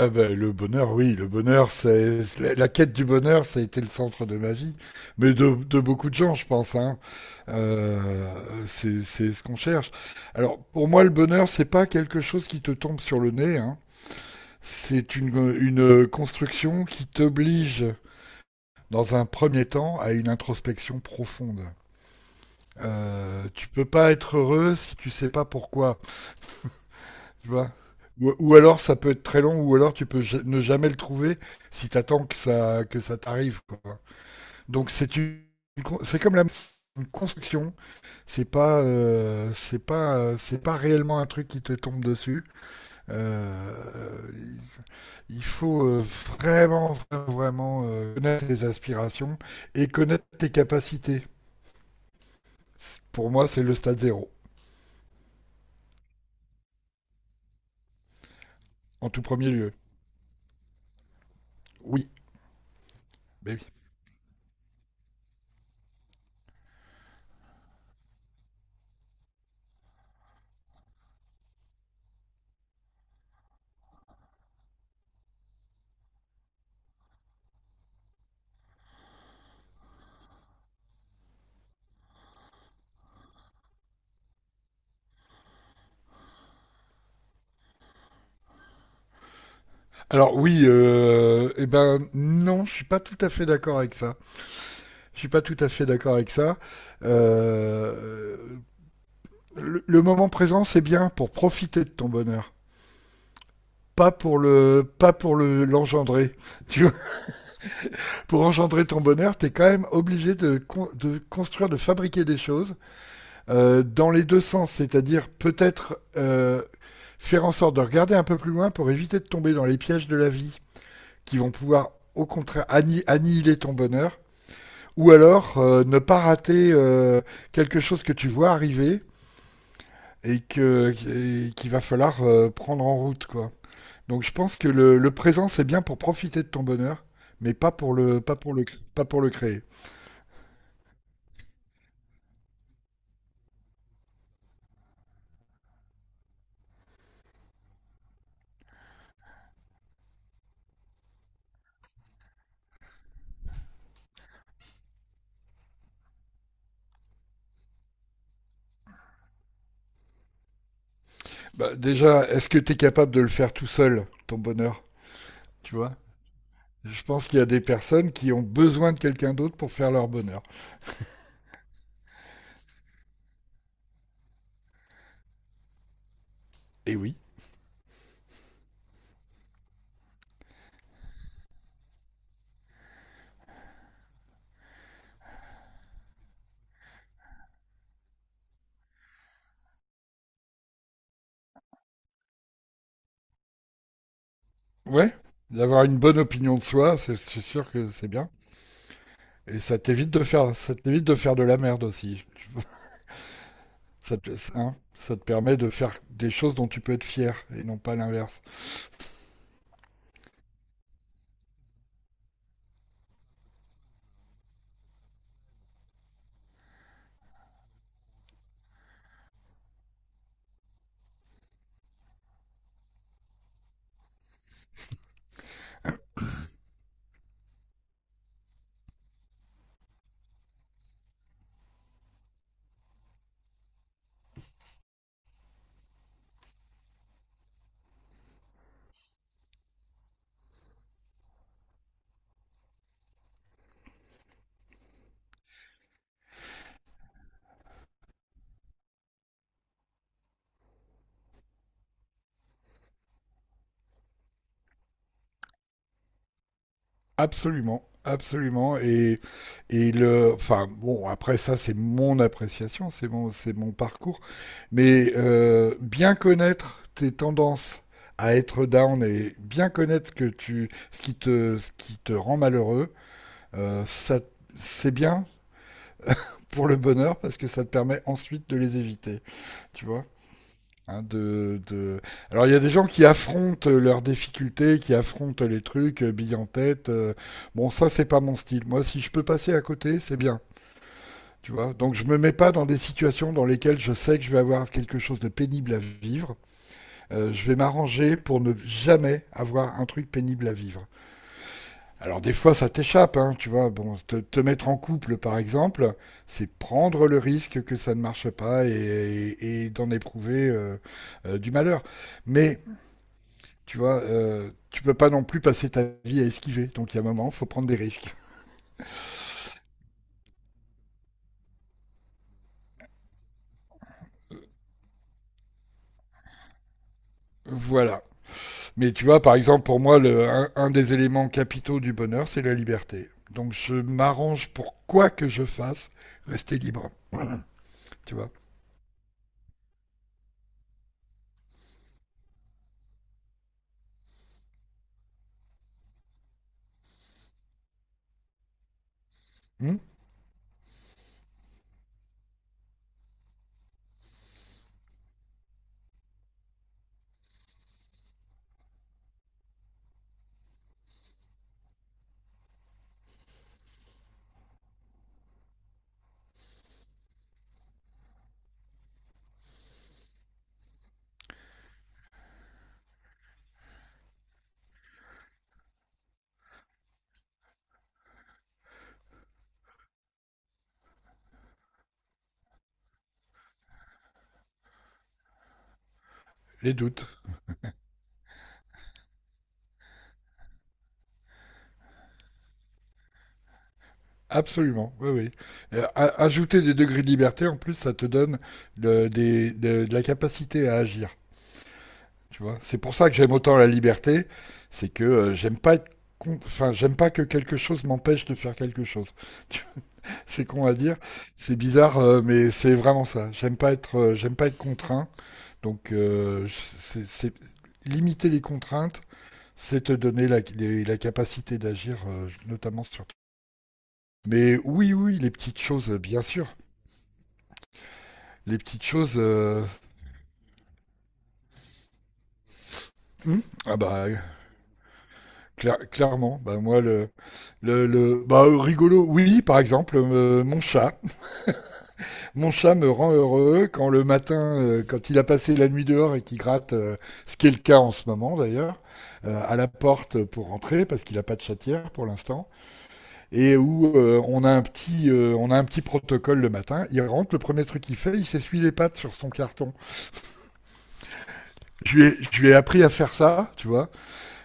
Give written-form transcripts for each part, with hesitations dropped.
Ah ben, le bonheur, oui, le bonheur, c'est la quête du bonheur, ça a été le centre de ma vie, mais de beaucoup de gens, je pense. Hein. Euh, c'est ce qu'on cherche. Alors, pour moi, le bonheur, c'est pas quelque chose qui te tombe sur le nez. Hein. C'est une construction qui t'oblige, dans un premier temps, à une introspection profonde. Tu peux pas être heureux si tu sais pas pourquoi. Tu vois, ou alors ça peut être très long, ou alors tu peux ne jamais le trouver si t'attends que ça t'arrive, quoi. Donc c'est une con- c'est comme la une construction, c'est pas réellement un truc qui te tombe dessus. Euh, il faut vraiment, vraiment, vraiment, connaître tes aspirations et connaître tes capacités. Pour moi, c'est le stade zéro, en tout premier lieu. Oui, mais oui. Alors oui, eh ben non, je suis pas tout à fait d'accord avec ça. Je suis pas tout à fait d'accord avec ça. Euh, le moment présent, c'est bien pour profiter de ton bonheur, pas pour le, pas pour le l'engendrer. Tu vois, pour engendrer ton bonheur, t'es quand même obligé de construire, de fabriquer des choses dans les deux sens, c'est-à-dire peut-être, faire en sorte de regarder un peu plus loin pour éviter de tomber dans les pièges de la vie qui vont pouvoir au contraire annihiler ton bonheur. Ou alors, ne pas rater quelque chose que tu vois arriver et qu'il va falloir, prendre en route, quoi. Donc je pense que le présent, c'est bien pour profiter de ton bonheur, mais pas pour le pas pour le cr- pas pour le créer. Bah, déjà, est-ce que tu es capable de le faire tout seul ton bonheur? Tu vois. Je pense qu'il y a des personnes qui ont besoin de quelqu'un d'autre pour faire leur bonheur. Et oui. Ouais, d'avoir une bonne opinion de soi, c'est sûr que c'est bien. Et ça t'évite de faire de la merde aussi. Ça te, hein, ça te permet de faire des choses dont tu peux être fier et non pas l'inverse. Absolument. Absolument. Et le, enfin, bon, après ça, c'est mon appréciation, c'est mon parcours. Mais bien connaître tes tendances à être down et bien connaître ce que tu, ce qui te rend malheureux, ça, c'est bien pour le bonheur parce que ça te permet ensuite de les éviter, tu vois. Hein, Alors il y a des gens qui affrontent leurs difficultés, qui affrontent les trucs, billes en tête. Bon, ça c'est pas mon style. Moi, si je peux passer à côté, c'est bien. Tu vois, donc je me mets pas dans des situations dans lesquelles je sais que je vais avoir quelque chose de pénible à vivre. Je vais m'arranger pour ne jamais avoir un truc pénible à vivre. Alors des fois ça t'échappe, hein, tu vois. Bon, te mettre en couple, par exemple, c'est prendre le risque que ça ne marche pas, et d'en éprouver, du malheur. Mais tu vois, tu peux pas non plus passer ta vie à esquiver. Donc, il y a un moment, il faut prendre des risques. Voilà. Mais tu vois, par exemple, pour moi, un des éléments capitaux du bonheur, c'est la liberté. Donc, je m'arrange pour, quoi que je fasse, rester libre. Tu vois. Hum. Les doutes. Absolument, oui, oui. Ajouter des degrés de liberté, en plus, ça te donne de la capacité à agir. Tu vois, c'est pour ça que j'aime autant la liberté, c'est que, j'aime pas être enfin, j'aime pas que quelque chose m'empêche de faire quelque chose. Tu vois, c'est con à dire, c'est bizarre, mais c'est vraiment ça. J'aime pas être contraint. Donc, limiter les contraintes, c'est te donner la capacité d'agir, notamment sur. Mais oui, oui, les petites choses, bien sûr. Les petites choses. Hum, ah bah, clairement, bah moi le rigolo, oui, par exemple, Mon chat, me rend heureux quand le matin, quand il a passé la nuit dehors et qu'il gratte, ce qui est le cas en ce moment d'ailleurs, à la porte pour rentrer parce qu'il n'a pas de chatière pour l'instant, et où on a un petit on a un petit protocole le matin, il rentre, le premier truc qu'il fait, il s'essuie les pattes sur son carton. Je lui ai appris à faire ça, tu vois.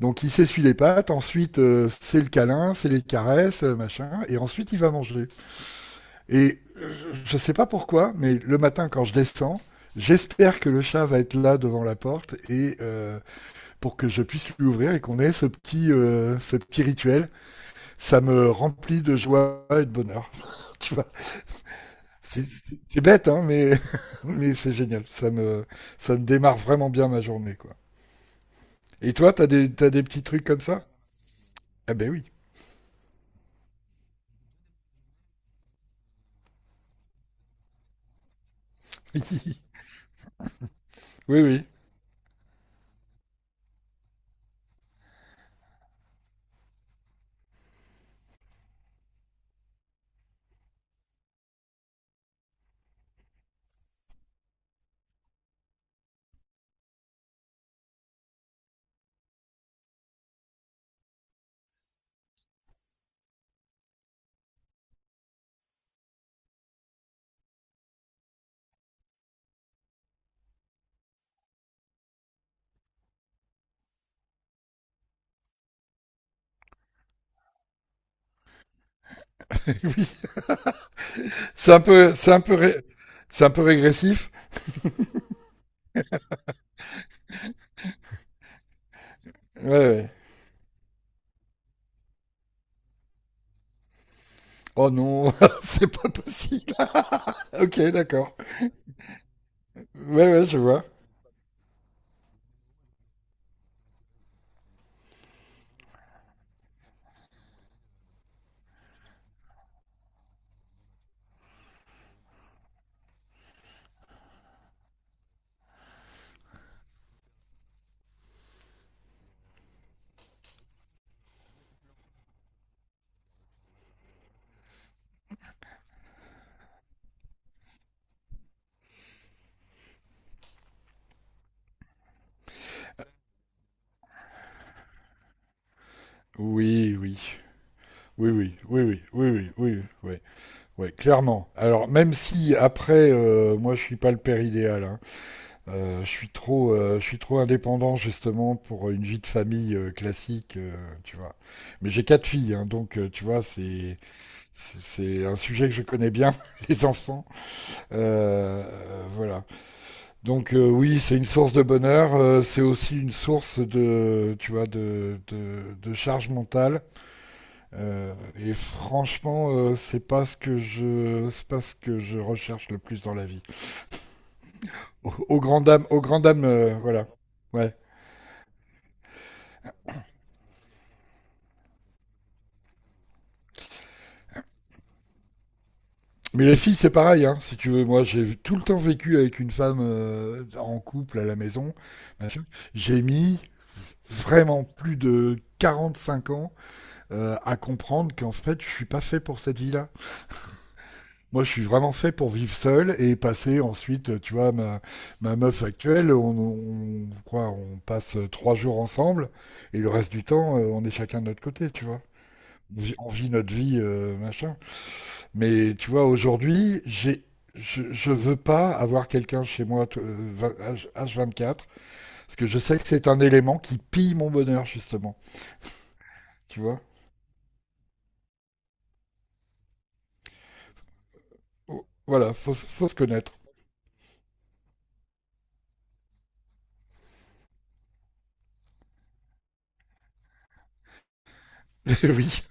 Donc il s'essuie les pattes, ensuite, c'est le câlin, c'est les caresses, machin, et ensuite il va manger. Et je sais pas pourquoi, mais le matin quand je descends, j'espère que le chat va être là devant la porte et, pour que je puisse lui ouvrir et qu'on ait ce petit rituel. Ça me remplit de joie et de bonheur. Tu vois, c'est c'est bête, hein, mais mais c'est génial. Ça me démarre vraiment bien ma journée, quoi. Et toi, t'as des petits trucs comme ça? Ah ben oui. Oui, oui, oui. C'est un peu, c'est un peu, ré- c'est un peu régressif. Ouais, ouais. Oh non, c'est pas possible. Ok, d'accord. Ouais, ouais, je vois. Oui, oui. Oui, oui, oui, oui, oui, oui, oui, oui, ouais, clairement. Alors, même si après, moi, je suis pas le père idéal, hein. Je suis trop, indépendant, justement, pour une vie de famille, classique, tu vois. Mais j'ai quatre filles, hein, donc tu vois, c'est un sujet que je connais bien, les enfants. Voilà. Donc, oui, c'est une source de bonheur, c'est aussi une source de, tu vois, de charge mentale. Et franchement, c'est pas ce que je, c'est pas ce que je recherche le plus dans la vie. Au grand dam, au grand dam, voilà. Ouais. Mais les filles, c'est pareil, hein, si tu veux. Moi, j'ai tout le temps vécu avec une femme, en couple à la maison. Machin. J'ai mis vraiment plus de 45 ans, à comprendre qu'en fait, je suis pas fait pour cette vie-là. Moi, je suis vraiment fait pour vivre seul et passer ensuite, tu vois, ma meuf actuelle, quoi, on passe 3 jours ensemble et le reste du temps, on est chacun de notre côté, tu vois. On vit notre vie, machin. Mais tu vois, aujourd'hui, je veux pas avoir quelqu'un chez moi H24 parce que je sais que c'est un élément qui pille mon bonheur, justement, tu vois. Oh, voilà, faut se connaître. Oui.